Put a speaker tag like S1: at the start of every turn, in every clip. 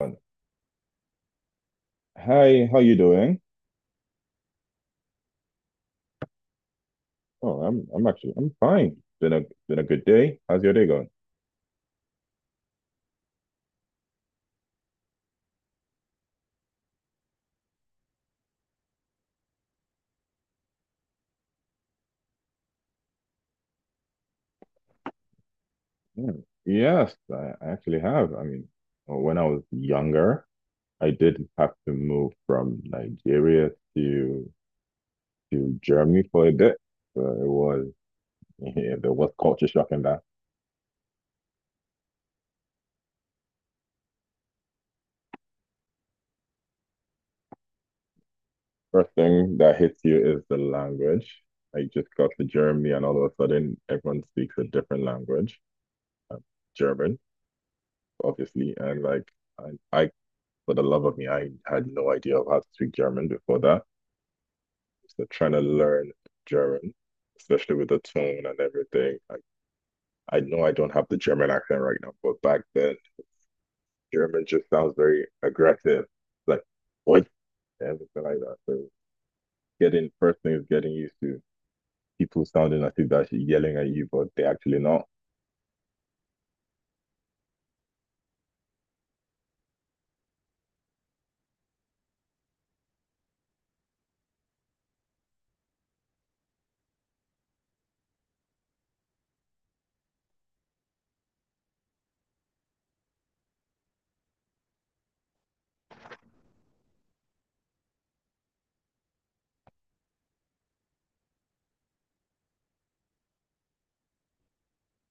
S1: On. Hi, how you doing? Oh, I'm actually I'm fine. Been a good day. How's your day going? Hmm. Yes, I actually have. I mean, well, when I was younger, I did have to move from Nigeria to Germany for a bit. So it was yeah, there was culture shock in that. First thing that hits you is the language. I just got to Germany and all of a sudden everyone speaks a different language. uh, German, obviously, and like, I, I for the love of me, I had no idea of how to speak German before that. So trying to learn German, especially with the tone and everything. I know I don't have the German accent right now, but back then, German just sounds very aggressive, like, what, everything like that. So getting first thing is getting used to people sounding as if they're yelling at you, but they are actually not.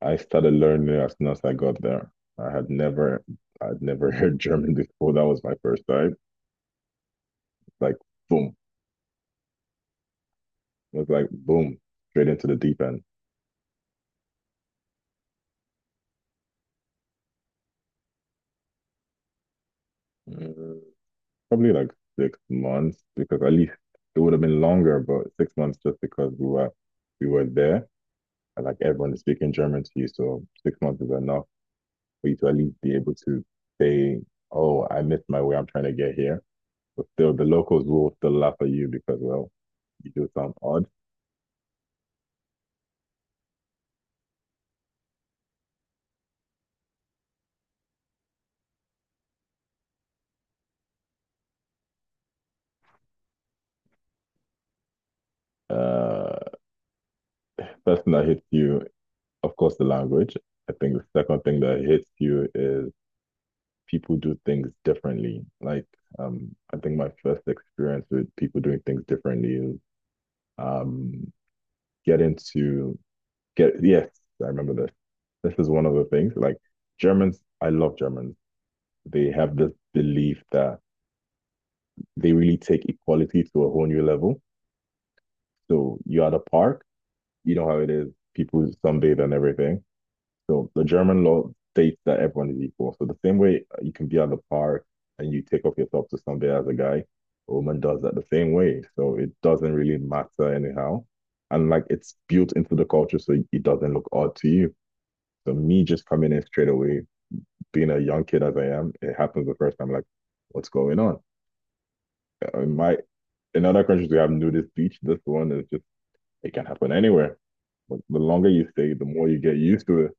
S1: I started learning as soon as I got there. I had never, I'd never heard German before. That was my first time. Like boom, It was like boom, straight into the deep end. Mm, Probably like 6 months, because at least it would have been longer, but 6 months just because we were there. And like everyone is speaking German to you, so 6 months is enough for you to at least be able to say, "Oh, I missed my way. I'm trying to get here." But still, the locals will still laugh at you, because, well, you do sound odd. Uh, first thing that hits you, of course, the language. I think the second thing that hits you is people do things differently. Like, I think my first experience with people doing things differently is, um get into get yes, I remember this. This is one of the things. Like, Germans, I love Germans. They have this belief that they really take equality to a whole new level. So you're at a park, you know how it is, people sunbathe and everything. So the German law states that everyone is equal. So the same way you can be at the park and you take off your top to somebody as a guy, a woman does that the same way. So it doesn't really matter anyhow. And like, it's built into the culture, so it doesn't look odd to you. So me just coming in straight away, being a young kid as I am, it happens the first time like, what's going on? Uh, In my in other countries, we have nudist beach. This one is just, it can happen anywhere. But the longer you stay, the more you get used to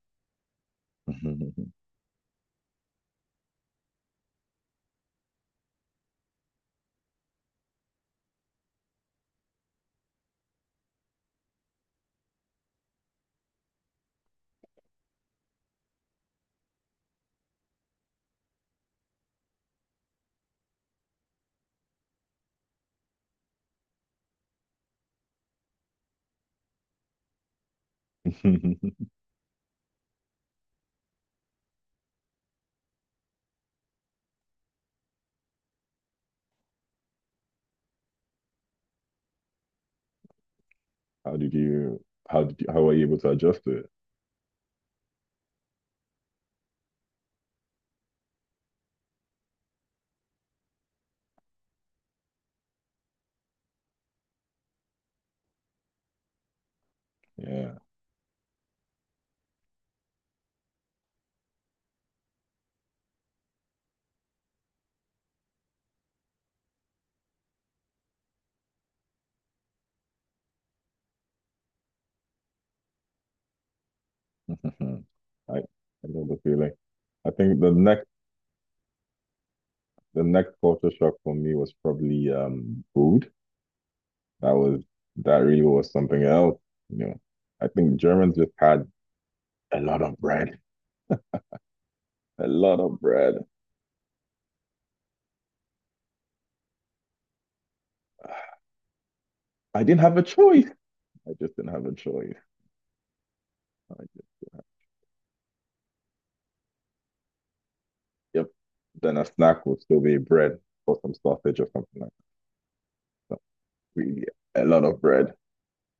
S1: it. How did you how were you able to adjust to it? Yeah. I know the feeling. I think the next culture shock for me was probably food. That was that really was something else. You know, I think Germans just had a lot of bread, a lot of bread. I didn't have a choice. I just didn't have a choice. I just, didn't have. Yep. Then a snack would still be bread or some sausage or something like that. So we a lot of bread.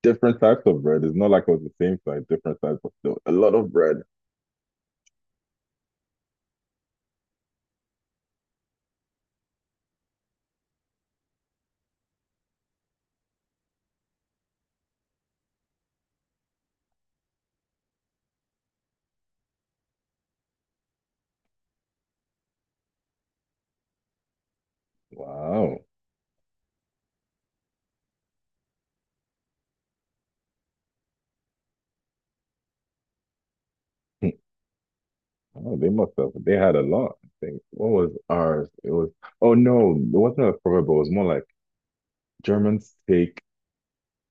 S1: Different types of bread. It's not like it was the same size, different types of, no, a lot of bread. Wow. Hmm. Oh, they must have they had a lot, I think. What was ours? It was, oh no, it wasn't a proper, but it was more like Germans take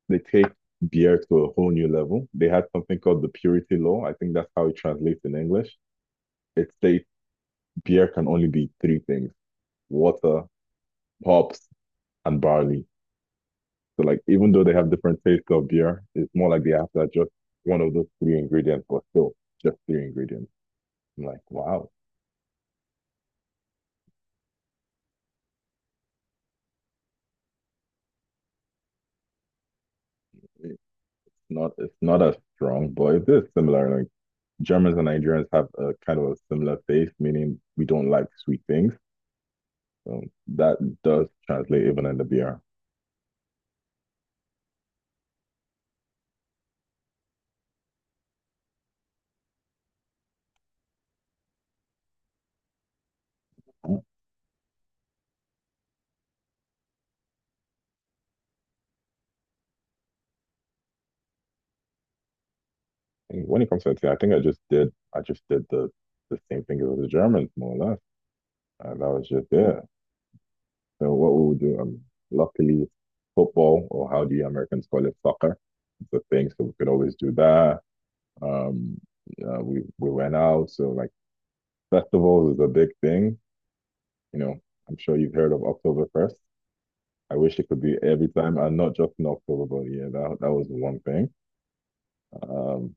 S1: they take beer to a whole new level. They had something called the purity law. I think that's how it translates in English. It states beer can only be three things: water, hops, and barley. So like, even though they have different tastes of beer, it's more like they have to adjust one of those three ingredients, but still just three ingredients. I'm like, wow, it's it's not as strong, but it is similar. Like, Germans and Nigerians have a kind of a similar taste, meaning we don't like sweet things. So that does translate even in the beer. And when it comes to tea, I think I just did the same thing as the Germans, more or less. And that was just it. So what we would do, luckily, football, or how the Americans call it, soccer, is a thing. So we could always do that. Um, we went out. So, like, festivals is a big thing. You know, I'm sure you've heard of Oktoberfest. I wish it could be every time, and not just in October, but yeah, that was one thing. Um,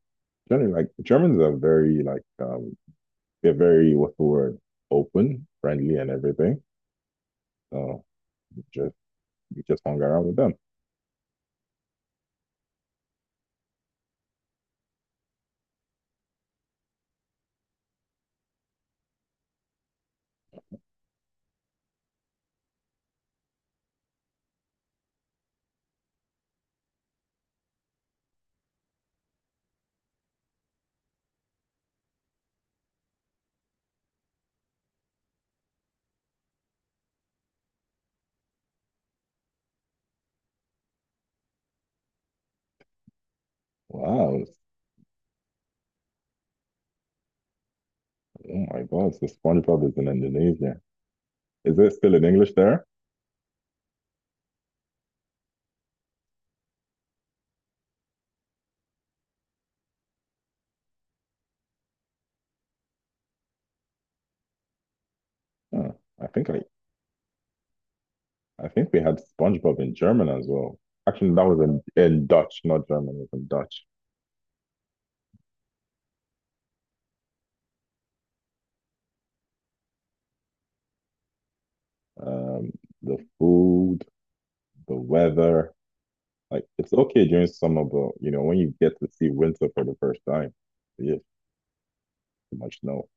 S1: generally, like, Germans are very, like, they're very, what's the word, open, friendly, and everything. So just we just hung around with them. Wow. Oh my God, the SpongeBob is in Indonesia. Is it still in English there? Huh. I think I, I think we had SpongeBob in German as well. Actually, that was in, Dutch, not German, it was in Dutch. Um, the food, the weather, like, it's okay during summer, but you know, when you get to see winter for the first time, you just, too much. No.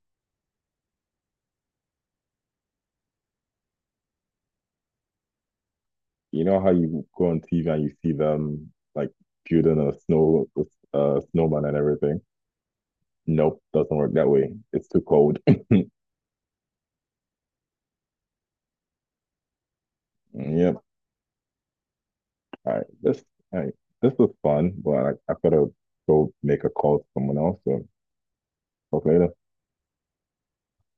S1: You know how you go on TV and you see them like building a snowman and everything? Nope, doesn't work that way. It's too cold. Yeah. All right, this all right, this was fun, but I gotta go make a call to someone else. So, talk later.